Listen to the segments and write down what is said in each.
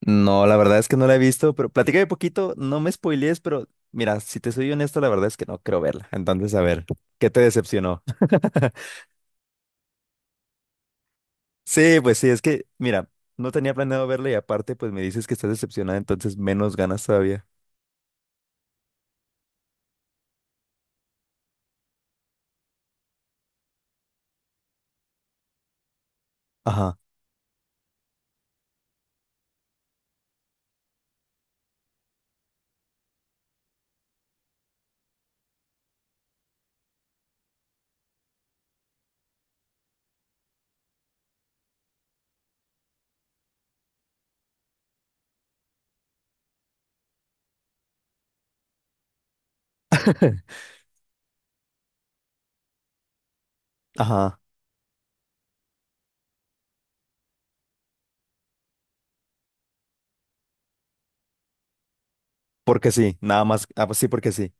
No, la verdad es que no la he visto, pero platícame poquito, no me spoilees, pero mira, si te soy honesto, la verdad es que no creo verla. Entonces, a ver, ¿qué te decepcionó? Sí, pues sí, es que, mira, no tenía planeado verla y aparte, pues me dices que estás decepcionada, entonces menos ganas todavía. Ajá, ajá, porque sí, nada más, ah, pues sí, porque sí.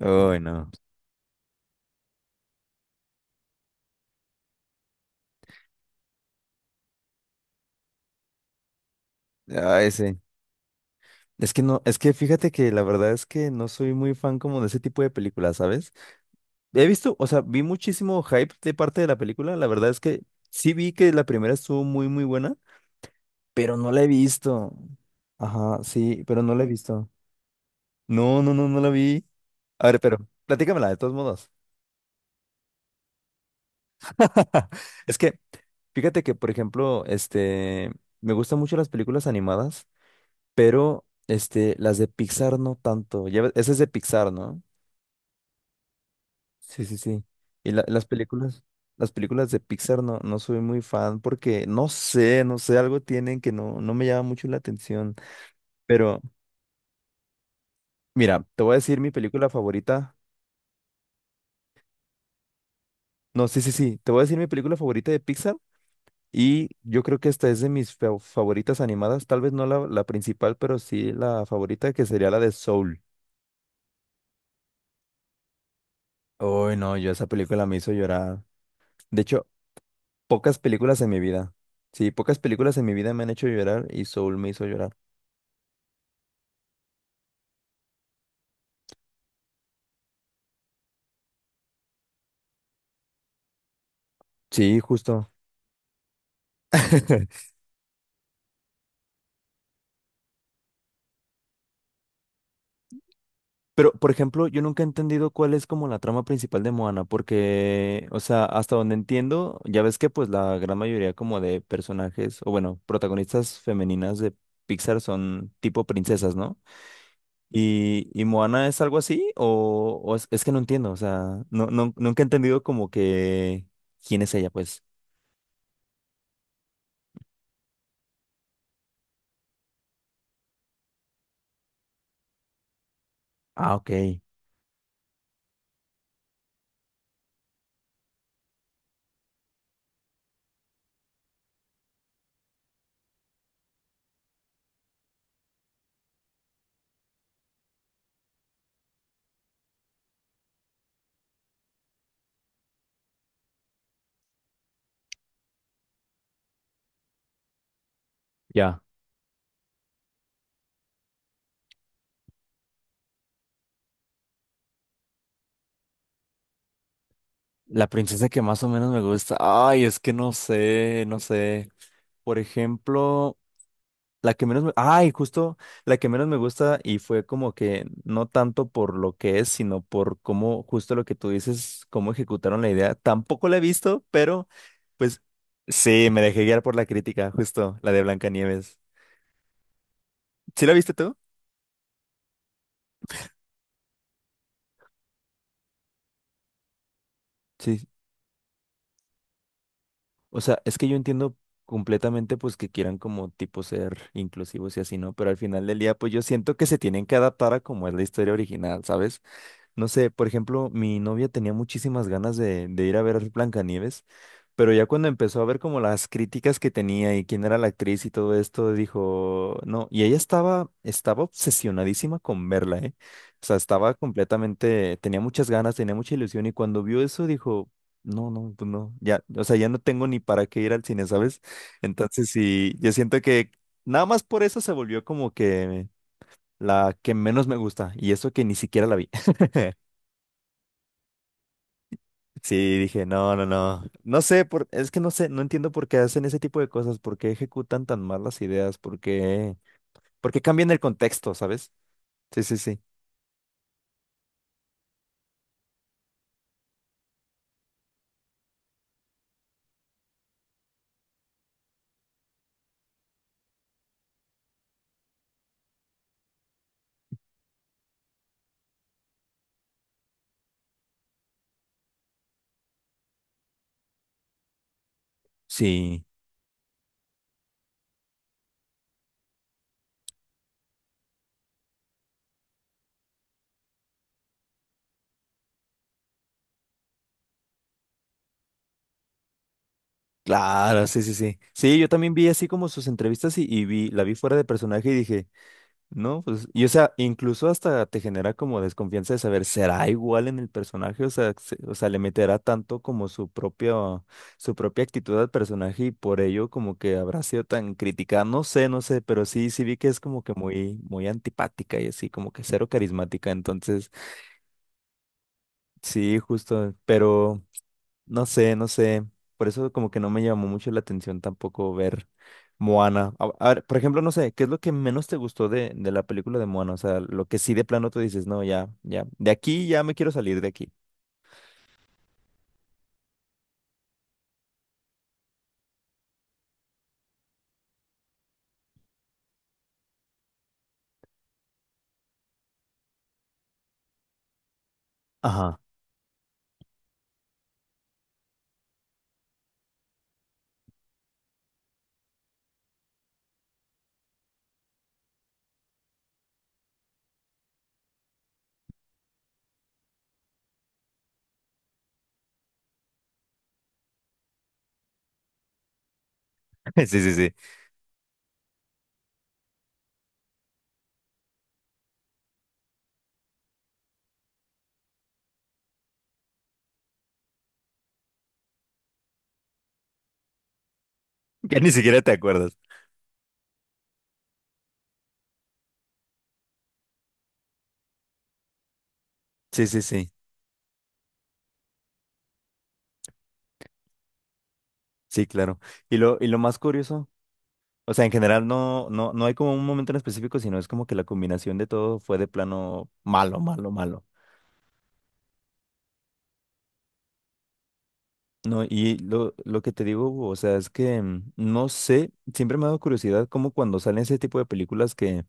Uy, no. Ay, sí. Es que no, es que fíjate que la verdad es que no soy muy fan como de ese tipo de películas, ¿sabes? He visto, o sea, vi muchísimo hype de parte de la película. La verdad es que sí vi que la primera estuvo muy, muy buena, pero no la he visto. Ajá, sí, pero no la he visto. No, no, no, no la vi. A ver, pero platícamela de todos modos. Es que, fíjate que, por ejemplo, este, me gustan mucho las películas animadas, pero, este, las de Pixar no tanto. Ya, ves, esa es de Pixar, ¿no? Sí, sí, sí. Y las películas de Pixar no, no soy muy fan porque no sé, algo tienen que no, no me llama mucho la atención. Pero mira, te voy a decir mi película favorita. No, sí, sí, sí, te voy a decir mi película favorita de Pixar y yo creo que esta es de mis favoritas animadas, tal vez no la principal, pero sí la favorita que sería la de Soul. Uy, no, yo esa película me hizo llorar. De hecho, pocas películas en mi vida. Sí, pocas películas en mi vida me han hecho llorar y Soul me hizo llorar. Sí, justo. Pero, por ejemplo, yo nunca he entendido cuál es como la trama principal de Moana, porque, o sea, hasta donde entiendo, ya ves que pues la gran mayoría como de personajes, o bueno, protagonistas femeninas de Pixar son tipo princesas, ¿no? Y Moana es algo así? O es que no entiendo, o sea, no, no, nunca he entendido como que quién es ella, pues. Ah, ok, ya. La princesa que más o menos me gusta. Ay, es que no sé, no sé. Por ejemplo. La que menos me. Ay, justo la que menos me gusta y fue como que no tanto por lo que es, sino por cómo, justo lo que tú dices, cómo ejecutaron la idea. Tampoco la he visto, pero pues sí, me dejé guiar por la crítica, justo la de Blancanieves. ¿Sí la viste tú? Sí. O sea, es que yo entiendo completamente pues que quieran como tipo ser inclusivos y así, ¿no? Pero al final del día pues yo siento que se tienen que adaptar a como es la historia original, ¿sabes? No sé, por ejemplo, mi novia tenía muchísimas ganas de ir a ver Blancanieves, pero ya cuando empezó a ver como las críticas que tenía y quién era la actriz y todo esto, dijo, no, y ella estaba, estaba obsesionadísima con verla, ¿eh? O sea, estaba completamente, tenía muchas ganas, tenía mucha ilusión y cuando vio eso dijo, no, no, pues no, ya, o sea, ya no tengo ni para qué ir al cine, ¿sabes? Entonces, sí, yo siento que nada más por eso se volvió como que la que menos me gusta y eso que ni siquiera la vi. Sí, dije, no, no, no. No sé, es que no sé, no entiendo por qué hacen ese tipo de cosas, por qué ejecutan tan mal las ideas, por qué cambian el contexto, ¿sabes? Sí, sí, sí. Sí, claro, sí, sí, sí. Sí, yo también vi así como sus entrevistas y la vi fuera de personaje y dije, no, pues, y o sea, incluso hasta te genera como desconfianza de saber, ¿será igual en el personaje? O sea, o sea, le meterá tanto como su propia actitud al personaje y por ello como que habrá sido tan criticada. No sé, no sé, pero sí, sí vi que es como que muy, muy antipática y así, como que cero carismática. Entonces, sí, justo, pero. No sé, no sé. Por eso como que no me llamó mucho la atención tampoco ver Moana. A ver, por ejemplo, no sé, ¿qué es lo que menos te gustó de la película de Moana? O sea, lo que sí de plano tú dices, no, ya, ya, de aquí ya me quiero salir de aquí. Ajá. Sí, sí, sí. Ya ni siquiera te acuerdas. Sí, sí, sí. Sí, claro. Y lo más curioso, o sea, en general no, no, no hay como un momento en específico, sino es como que la combinación de todo fue de plano malo, malo, malo. No, y lo que te digo, Hugo, o sea, es que mm, no sé, siempre me ha dado curiosidad como cuando salen ese tipo de películas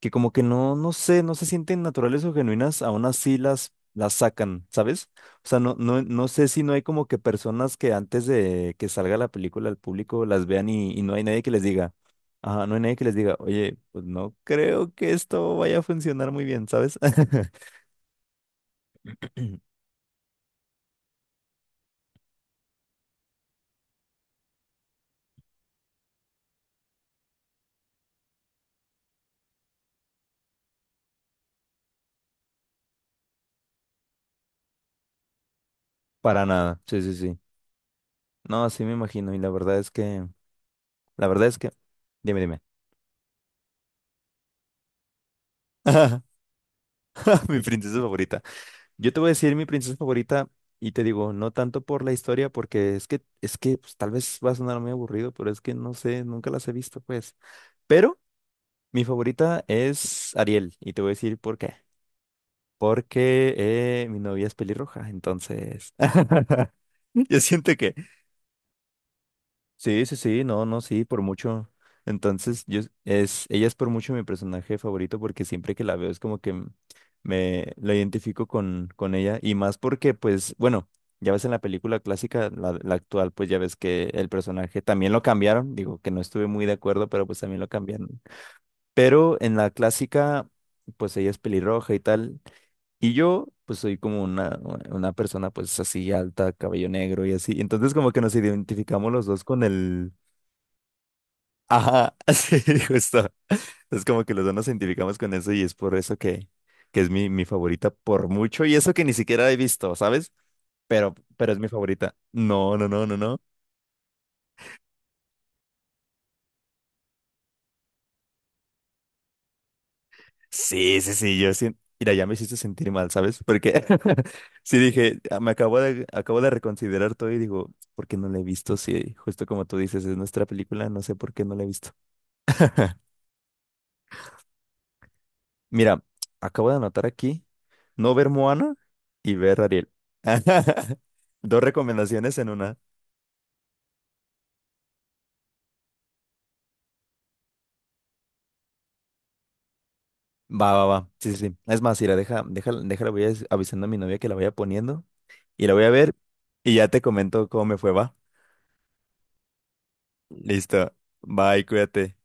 que como que no, no sé, no se sienten naturales o genuinas, aún así las sacan, ¿sabes? O sea, no, no, no sé si no hay como que personas que antes de que salga la película al público las vean y no hay nadie que les diga, ajá, no hay nadie que les diga, oye, pues no creo que esto vaya a funcionar muy bien, ¿sabes? Para nada, sí, sí, sí. No, así me imagino, y la verdad es que. La verdad es que, dime, dime. Mi princesa favorita. Yo te voy a decir mi princesa favorita y te digo, no tanto por la historia, porque es que pues, tal vez va a sonar muy aburrido, pero es que no sé, nunca las he visto, pues. Pero mi favorita es Ariel y te voy a decir por qué. Porque mi novia es pelirroja, entonces. Yo siento que. Sí, sí, sí, no, no, sí, por mucho. Entonces, yo es, ella es por mucho mi personaje favorito porque siempre que la veo es como que me la identifico con ella y más porque, pues, bueno, ya ves en la película clásica, la actual, pues ya ves que el personaje también lo cambiaron, digo que no estuve muy de acuerdo, pero pues también lo cambiaron. Pero en la clásica, pues ella es pelirroja y tal, y yo, pues soy como una persona, pues así alta, cabello negro y así. Entonces, como que nos identificamos los dos con el. Ajá, sí, justo. Es como que los dos nos identificamos con eso y es por eso que es mi favorita por mucho. Y eso que ni siquiera he visto, ¿sabes? Pero es mi favorita. No, no, no, no, no. Sí, sí, sí, yo sí. Mira, ya me hiciste sentir mal, ¿sabes? Porque sí dije, "Ah, acabo de reconsiderar todo y digo, ¿por qué no la he visto? Sí, justo como tú dices, es nuestra película, no sé por qué no la he visto. Mira, acabo de anotar aquí no ver Moana y ver Ariel. Dos recomendaciones en una. Va, va, va. Sí, sí, sí. Es más, mira, deja, deja. Déjala, avisando a mi novia que la vaya poniendo y la voy a ver y ya te comento cómo me fue, va. Listo. Bye, cuídate.